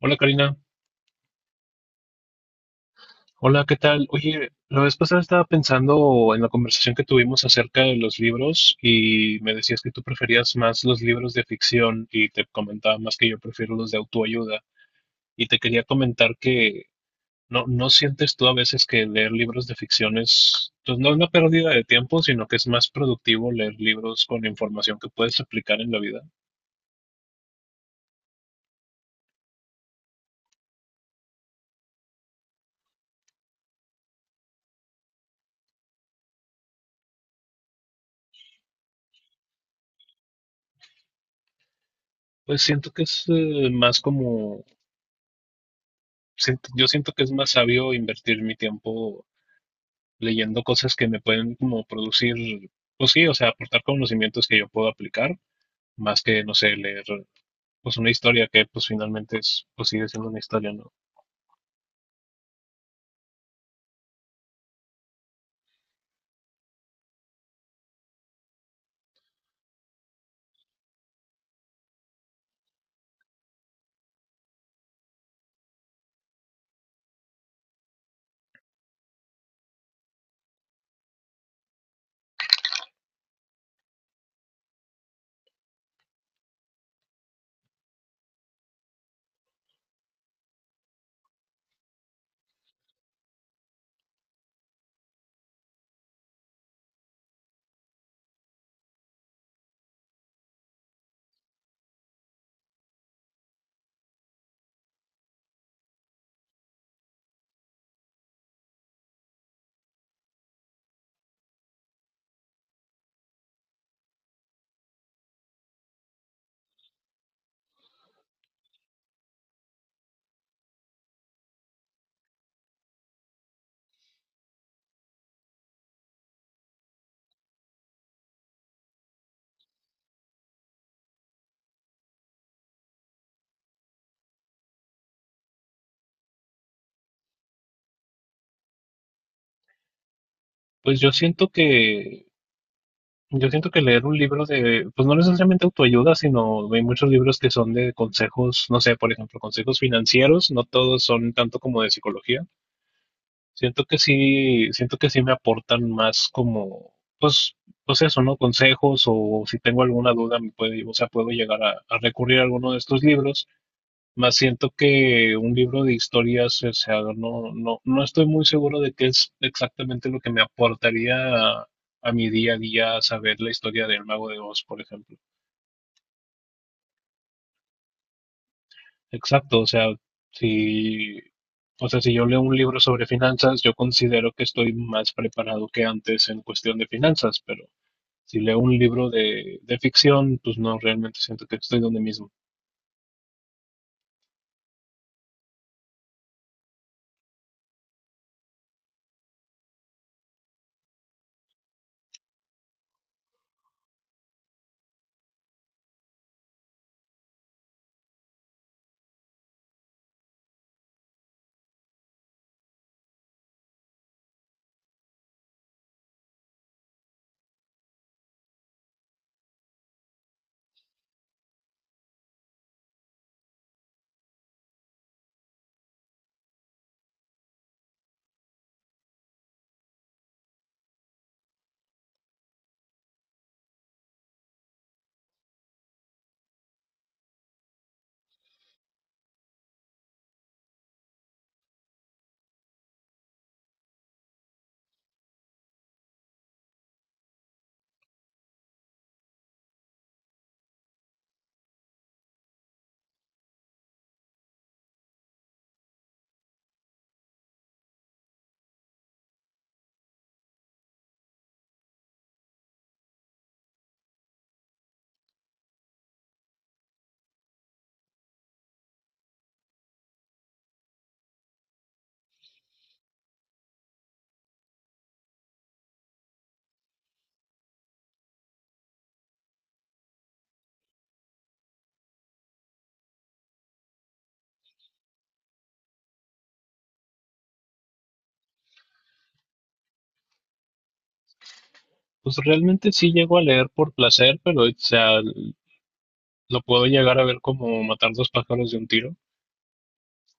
Hola Karina, hola, ¿qué tal? Oye, la vez pasada estaba pensando en la conversación que tuvimos acerca de los libros y me decías que tú preferías más los libros de ficción y te comentaba más que yo prefiero los de autoayuda y te quería comentar que no sientes tú a veces que leer libros de ficción es, pues no es una pérdida de tiempo, sino que es más productivo leer libros con información que puedes aplicar en la vida. Pues siento que es más como, yo siento que es más sabio invertir mi tiempo leyendo cosas que me pueden como producir, pues sí, o sea, aportar conocimientos que yo puedo aplicar, más que, no sé, leer pues una historia que pues finalmente es, pues sigue siendo una historia, ¿no? Pues yo siento que leer un libro de, pues no necesariamente autoayuda, sino hay muchos libros que son de consejos, no sé, por ejemplo, consejos financieros, no todos son tanto como de psicología. Siento que sí me aportan más como, pues, pues eso, ¿no? Consejos o si tengo alguna duda me puede, o sea, puedo llegar a recurrir a alguno de estos libros. Más siento que un libro de historias, o sea, no estoy muy seguro de qué es exactamente lo que me aportaría a, a mi día a día saber la historia del Mago de Oz, por ejemplo. Exacto, si, o sea, si yo leo un libro sobre finanzas, yo considero que estoy más preparado que antes en cuestión de finanzas, pero si leo un libro de ficción, pues no, realmente siento que estoy donde mismo. Pues realmente sí llego a leer por placer, pero o sea, lo puedo llegar a ver como matar dos pájaros de un tiro.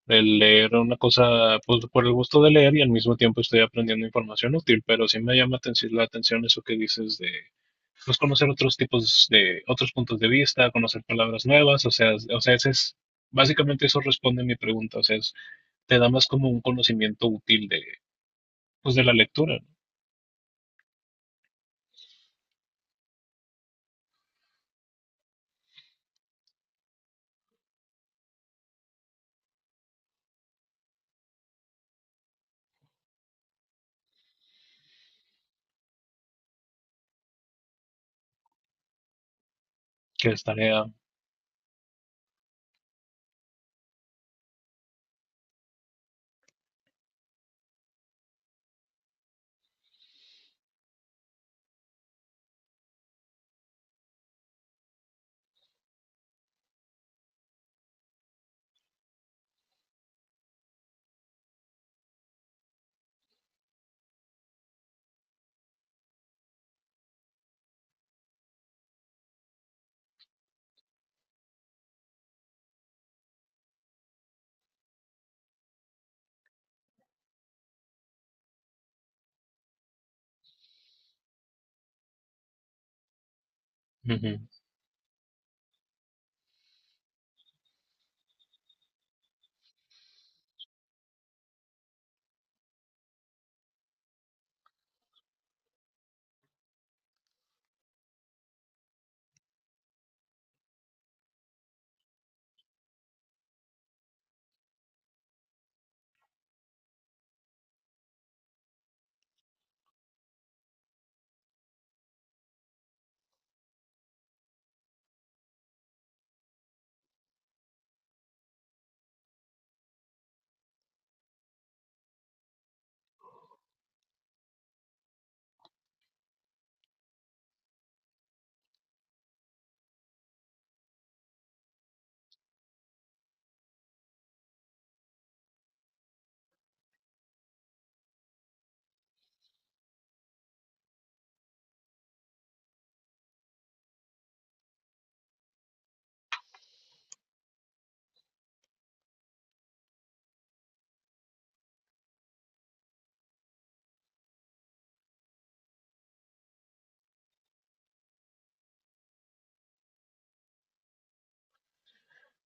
El leer una cosa pues, por el gusto de leer y al mismo tiempo estoy aprendiendo información útil, pero sí me llama la atención eso que dices de pues, conocer otros tipos de otros puntos de vista, conocer palabras nuevas, o sea, es- o sea, ese es básicamente eso responde a mi pregunta, o sea, es- te da más como un conocimiento útil de pues de la lectura, ¿no? Que es tarea. Ujú.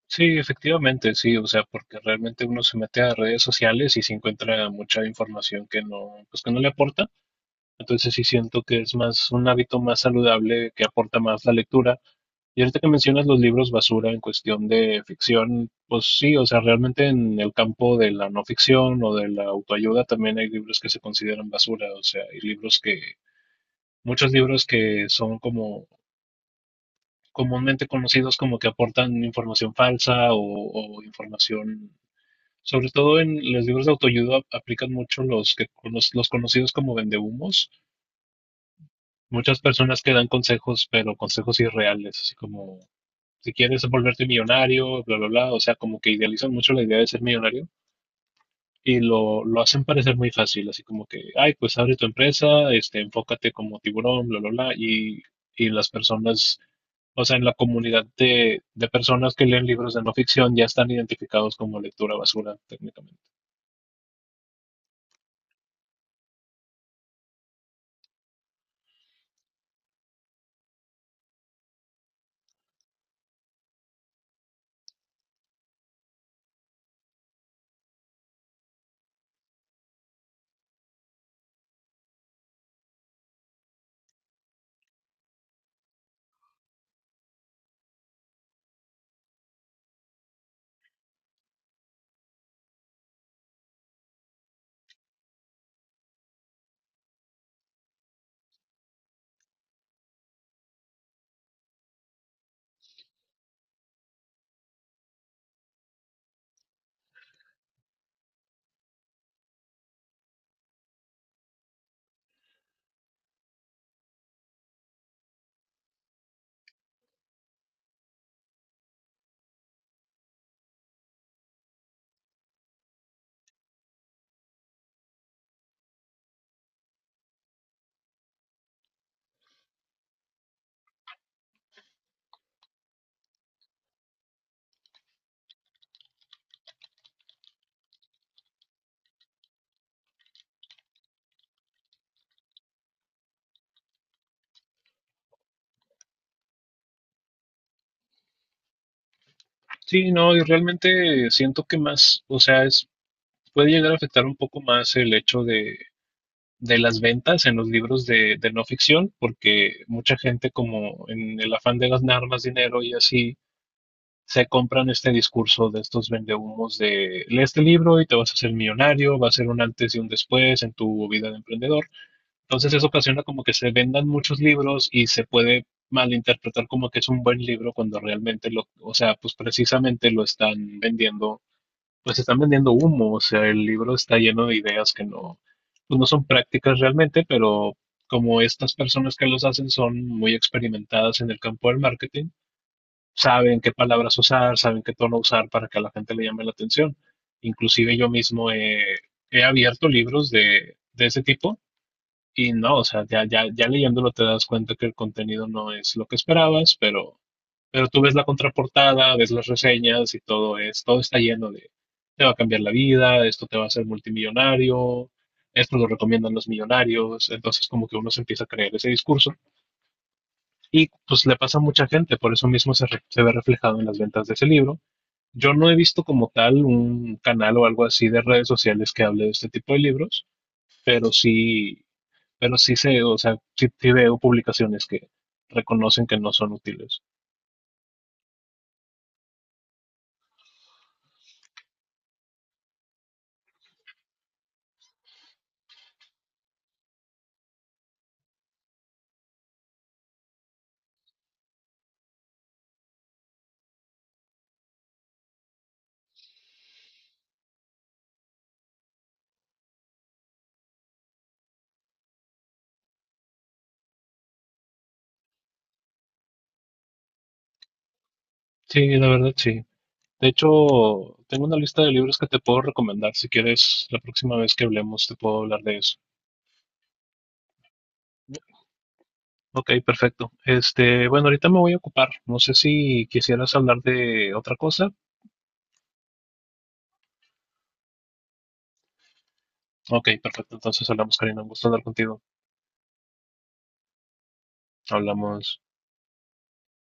Sí, efectivamente, sí, o sea, porque realmente uno se mete a redes sociales y se encuentra mucha información que no pues que no le aporta. Entonces sí siento que es más un hábito más saludable que aporta más la lectura. Y ahorita que mencionas los libros basura en cuestión de ficción, pues sí, o sea, realmente en el campo de la no ficción o de la autoayuda también hay libros que se consideran basura, o sea, hay libros que, muchos libros que son como comúnmente conocidos como que aportan información falsa o información, sobre todo en los libros de autoayuda aplican mucho los que los conocidos como vendehumos. Muchas personas que dan consejos, pero consejos irreales, así como si quieres volverte millonario, bla, bla, bla, o sea, como que idealizan mucho la idea de ser millonario y lo hacen parecer muy fácil, así como que, ay, pues abre tu empresa, este, enfócate como tiburón, bla, bla, bla, y las personas, o sea, en la comunidad de personas que leen libros de no ficción ya están identificados como lectura basura, técnicamente. Sí, no, y realmente siento que más, o sea, es, puede llegar a afectar un poco más el hecho de las ventas en los libros de no ficción, porque mucha gente como en el afán de ganar más dinero y así, se compran este discurso de estos vendehumos de lee este libro y te vas a hacer millonario, va a ser un antes y un después en tu vida de emprendedor. Entonces eso ocasiona como que se vendan muchos libros y se puede malinterpretar como que es un buen libro cuando realmente lo, o sea, pues precisamente lo están vendiendo pues están vendiendo humo, o sea, el libro está lleno de ideas que no, pues no son prácticas realmente, pero como estas personas que los hacen son muy experimentadas en el campo del marketing, saben qué palabras usar, saben qué tono usar para que a la gente le llame la atención. Inclusive yo mismo he, he abierto libros de ese tipo y no, o sea, ya leyéndolo te das cuenta que el contenido no es lo que esperabas, pero tú ves la contraportada, ves las reseñas y todo es, todo está lleno de, te va a cambiar la vida, esto te va a hacer multimillonario, esto lo recomiendan los millonarios, entonces como que uno se empieza a creer ese discurso y pues le pasa a mucha gente, por eso mismo se, se ve reflejado en las ventas de ese libro. Yo no he visto como tal un canal o algo así de redes sociales que hable de este tipo de libros, pero sí, pero sí sé, o sea, sí, sí veo publicaciones que reconocen que no son útiles. Sí, la verdad, sí. De hecho, tengo una lista de libros que te puedo recomendar. Si quieres, la próxima vez que hablemos, te puedo hablar de eso. Ok, perfecto. Este, bueno, ahorita me voy a ocupar. No sé si quisieras hablar de otra cosa. Ok, perfecto. Entonces hablamos, Karina. Un gusto hablar contigo. Hablamos.